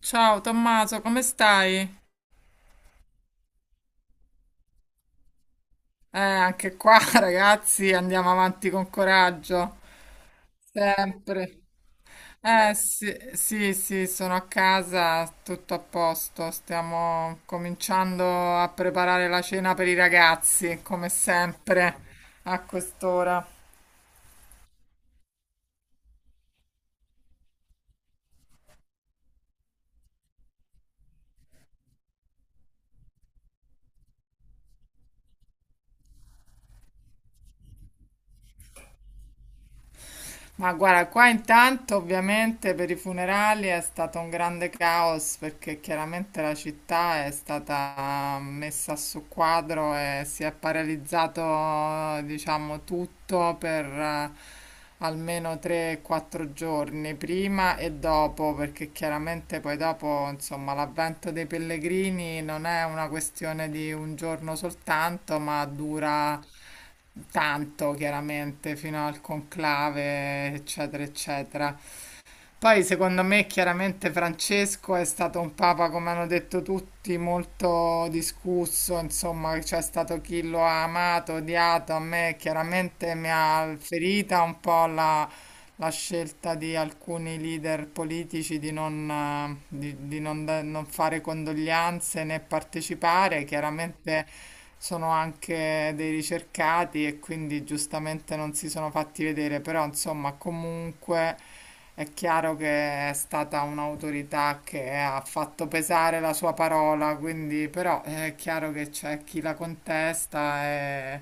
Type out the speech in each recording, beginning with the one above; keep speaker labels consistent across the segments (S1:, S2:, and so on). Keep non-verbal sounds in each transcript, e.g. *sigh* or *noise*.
S1: Ciao Tommaso, come stai? Anche qua *laughs* ragazzi, andiamo avanti con coraggio, sempre. Eh sì, sì, sì, sono a casa, tutto a posto, stiamo cominciando a preparare la cena per i ragazzi, come sempre, a quest'ora. Ma guarda, qua intanto ovviamente per i funerali è stato un grande caos perché chiaramente la città è stata messa su quadro e si è paralizzato, diciamo, tutto per almeno 3-4 giorni prima e dopo, perché chiaramente poi dopo, insomma, l'avvento dei pellegrini non è una questione di un giorno soltanto, ma dura tanto chiaramente fino al conclave, eccetera, eccetera. Poi secondo me chiaramente Francesco è stato un papa, come hanno detto tutti, molto discusso, insomma c'è stato chi lo ha amato, odiato, a me chiaramente mi ha ferita un po' la scelta di alcuni leader politici di non, fare condoglianze né partecipare, chiaramente sono anche dei ricercati e quindi giustamente non si sono fatti vedere, però insomma comunque. È chiaro che è stata un'autorità che ha fatto pesare la sua parola, quindi però è chiaro che c'è chi la contesta e,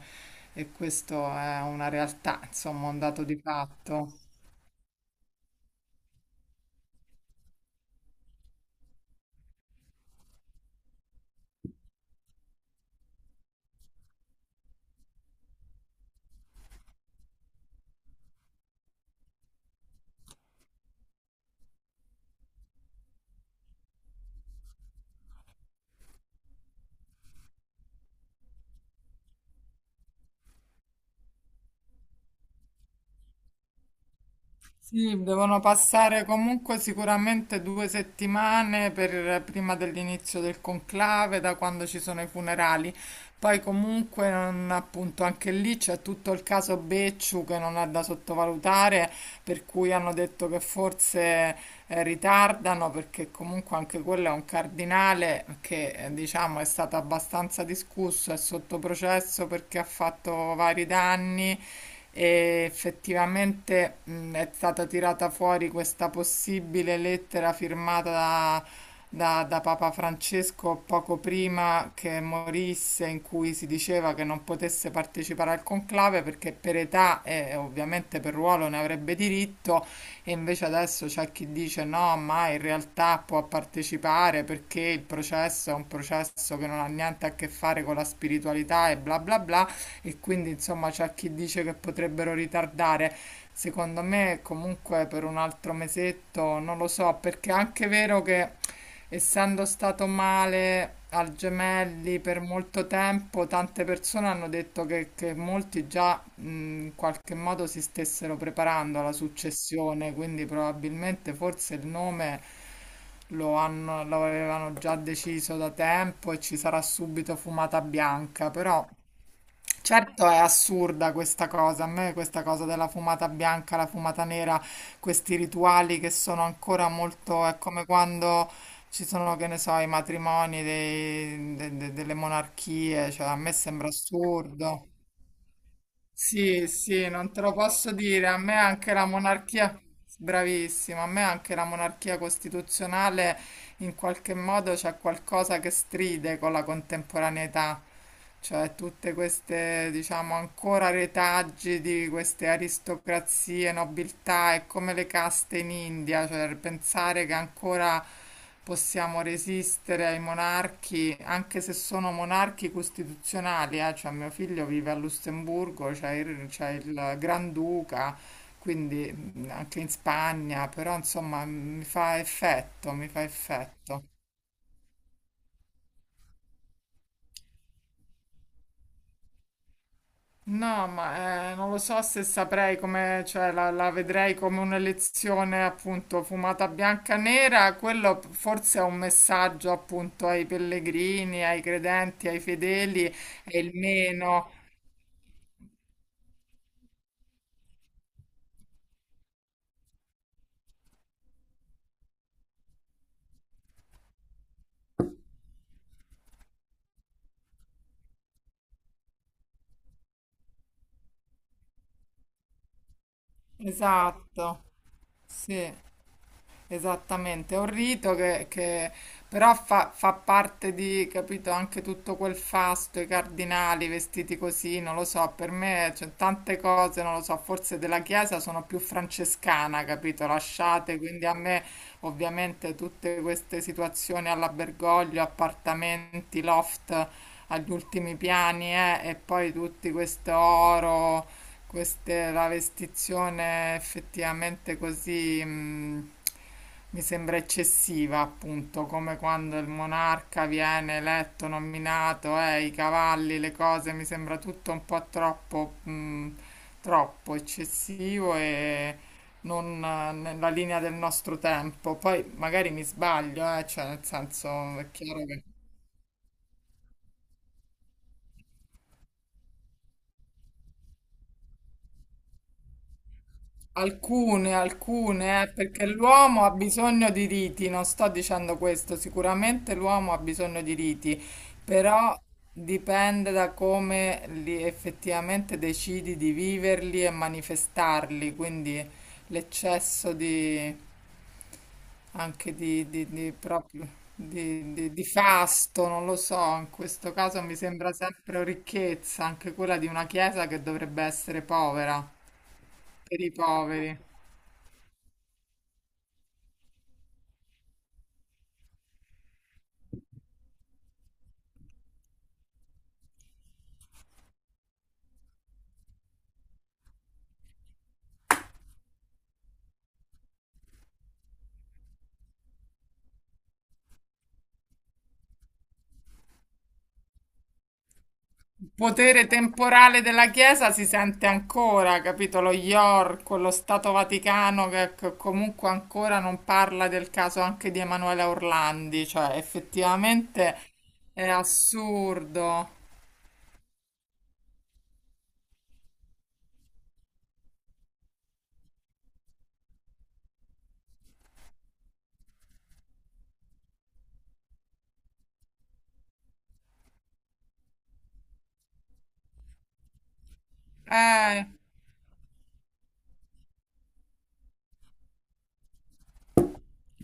S1: e questo è una realtà, insomma, un dato di fatto. Sì, devono passare comunque sicuramente 2 settimane prima dell'inizio del conclave, da quando ci sono i funerali. Poi comunque appunto anche lì c'è tutto il caso Becciu che non è da sottovalutare, per cui hanno detto che forse ritardano, perché comunque anche quello è un cardinale che diciamo è stato abbastanza discusso, è sotto processo perché ha fatto vari danni e effettivamente è stata tirata fuori questa possibile lettera firmata da Papa Francesco poco prima che morisse, in cui si diceva che non potesse partecipare al conclave perché per età e ovviamente per ruolo ne avrebbe diritto, e invece adesso c'è chi dice no, ma in realtà può partecipare perché il processo è un processo che non ha niente a che fare con la spiritualità e bla bla bla e quindi insomma c'è chi dice che potrebbero ritardare. Secondo me comunque per un altro mesetto non lo so, perché è anche vero che essendo stato male al Gemelli per molto tempo, tante persone hanno detto che molti già in qualche modo si stessero preparando alla successione, quindi probabilmente forse il nome lo avevano già deciso da tempo e ci sarà subito fumata bianca, però certo è assurda questa cosa, a me questa cosa della fumata bianca, la fumata nera, questi rituali che sono ancora molto, è come quando ci sono, che ne so, i matrimoni delle monarchie, cioè a me sembra assurdo. Sì, sì, non te lo posso dire, a me anche la monarchia, bravissima, a me anche la monarchia costituzionale in qualche modo c'è qualcosa che stride con la contemporaneità, cioè tutte queste, diciamo, ancora retaggi di queste aristocrazie, nobiltà, è come le caste in India, cioè pensare che ancora possiamo resistere ai monarchi, anche se sono monarchi costituzionali, cioè mio figlio vive a Lussemburgo, c'è il Granduca, quindi anche in Spagna, però insomma mi fa effetto, mi fa effetto. No, ma non lo so se saprei come, cioè la vedrei come un'elezione appunto fumata bianca e nera, quello forse è un messaggio appunto ai pellegrini, ai credenti, ai fedeli, è il meno. Esatto, sì. Esattamente, è un rito che però fa parte di, capito, anche tutto quel fasto, i cardinali vestiti così, non lo so, per me c'è tante cose, non lo so, forse della Chiesa sono più francescana, capito, lasciate, quindi a me ovviamente tutte queste situazioni all'Abergoglio, appartamenti, loft agli ultimi piani, e poi tutti questo oro, la vestizione effettivamente così, mi sembra eccessiva, appunto, come quando il monarca viene eletto, nominato, i cavalli, le cose, mi sembra tutto un po' troppo, troppo eccessivo e non, nella linea del nostro tempo. Poi magari mi sbaglio, cioè nel senso è chiaro che. Alcune, alcune, perché l'uomo ha bisogno di riti, non sto dicendo questo, sicuramente l'uomo ha bisogno di riti, però dipende da come li effettivamente decidi di viverli e manifestarli, quindi l'eccesso di, anche di proprio, di, fasto, non lo so, in questo caso mi sembra sempre ricchezza, anche quella di una chiesa che dovrebbe essere povera, per i poveri. Il potere temporale della Chiesa si sente ancora, capito? Lo York, lo Stato Vaticano che comunque ancora non parla del caso anche di Emanuela Orlandi, cioè effettivamente è assurdo. Eh,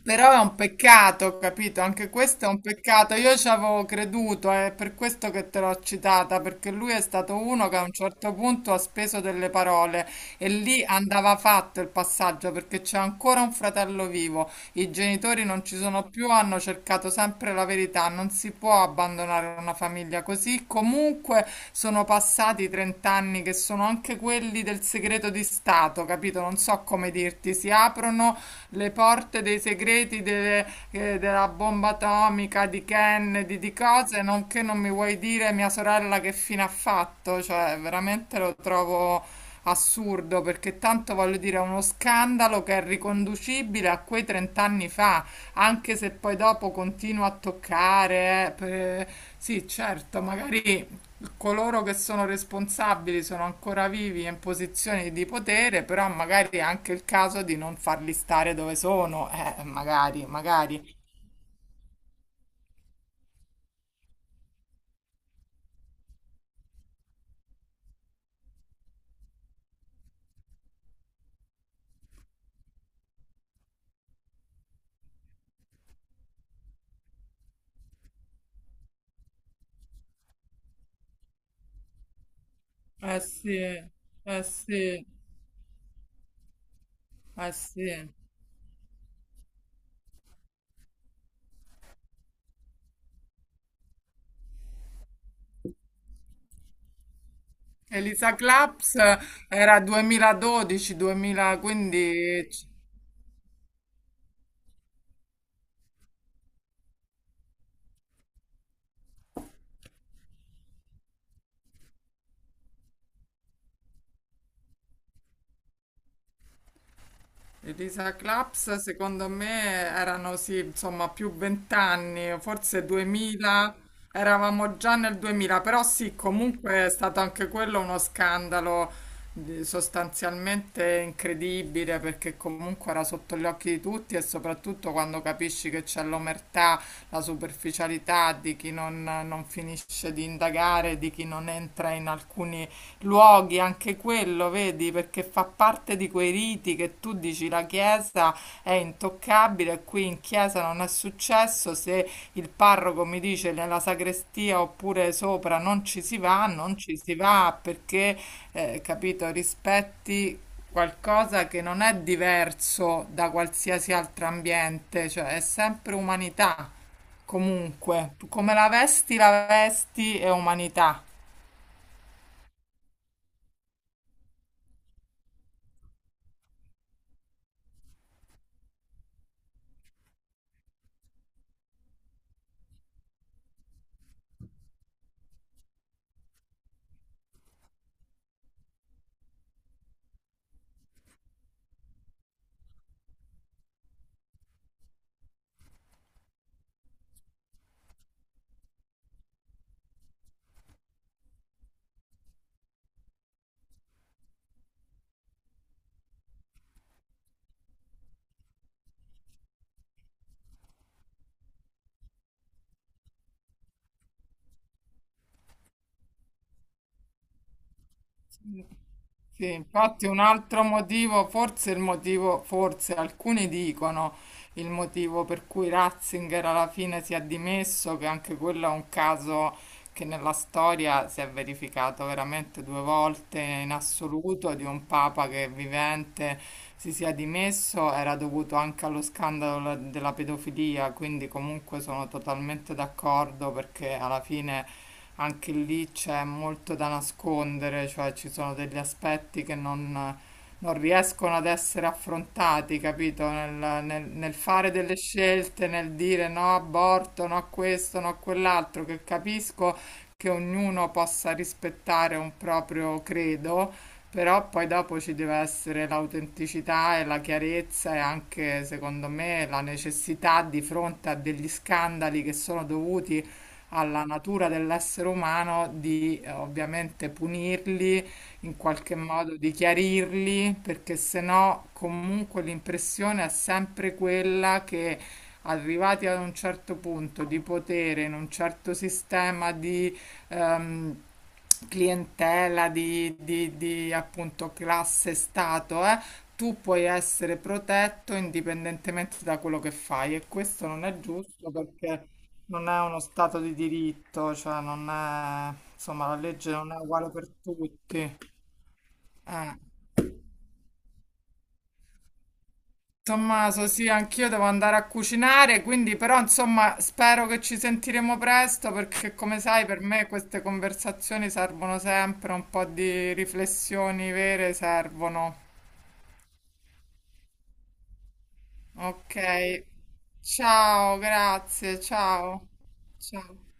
S1: Però è un peccato, capito? Anche questo è un peccato. Io ci avevo creduto, è per questo che te l'ho citata, perché lui è stato uno che a un certo punto ha speso delle parole e lì andava fatto il passaggio perché c'è ancora un fratello vivo. I genitori non ci sono più, hanno cercato sempre la verità. Non si può abbandonare una famiglia così. Comunque sono passati 30 anni che sono anche quelli del segreto di Stato, capito? Non so come dirti, si aprono le porte dei segreti della bomba atomica, di Kennedy, di cose, non che non mi vuoi dire mia sorella che fine ha fatto, cioè veramente lo trovo assurdo perché tanto voglio dire è uno scandalo che è riconducibile a quei 30 anni fa, anche se poi dopo continua a toccare, sì, certo, magari coloro che sono responsabili sono ancora vivi e in posizioni di potere, però magari è anche il caso di non farli stare dove sono, magari, magari. Eh sì, eh sì, eh sì. Elisa Claps era 2012-2015. Elisa Claps, secondo me, erano sì, insomma, più 20 anni, forse 2000, eravamo già nel 2000, però sì, comunque è stato anche quello uno scandalo sostanzialmente incredibile, perché comunque era sotto gli occhi di tutti e soprattutto quando capisci che c'è l'omertà, la superficialità di chi non finisce di indagare, di chi non entra in alcuni luoghi, anche quello, vedi, perché fa parte di quei riti che tu dici la chiesa è intoccabile, qui in chiesa non è successo, se il parroco mi dice nella sagrestia oppure sopra non ci si va, non ci si va perché, capito, rispetti qualcosa che non è diverso da qualsiasi altro ambiente, cioè è sempre umanità, comunque, come la vesti è umanità. Sì, infatti un altro motivo, forse il motivo, forse alcuni dicono il motivo per cui Ratzinger alla fine si è dimesso, che anche quello è un caso che nella storia si è verificato veramente due volte in assoluto di un papa che vivente si sia dimesso, era dovuto anche allo scandalo della pedofilia, quindi comunque sono totalmente d'accordo perché alla fine anche lì c'è molto da nascondere, cioè ci sono degli aspetti che non riescono ad essere affrontati, capito? Nel fare delle scelte, nel dire no aborto, no a questo, no a quell'altro, che capisco che ognuno possa rispettare un proprio credo, però poi dopo ci deve essere l'autenticità e la chiarezza e anche, secondo me, la necessità di fronte a degli scandali che sono dovuti alla natura dell'essere umano di ovviamente punirli, in qualche modo di chiarirli, perché se no comunque l'impressione è sempre quella che arrivati ad un certo punto di potere in un certo sistema di ehm, clientela, di appunto classe, stato, tu puoi essere protetto indipendentemente da quello che fai e questo non è giusto perché non è uno stato di diritto, cioè non è, insomma, la legge non è uguale per tutti. Eh. Tommaso, sì, anch'io devo andare a cucinare, quindi però insomma spero che ci sentiremo presto perché come sai per me queste conversazioni servono sempre, un po' di riflessioni vere servono. Ok, ciao, grazie, ciao. Ciao.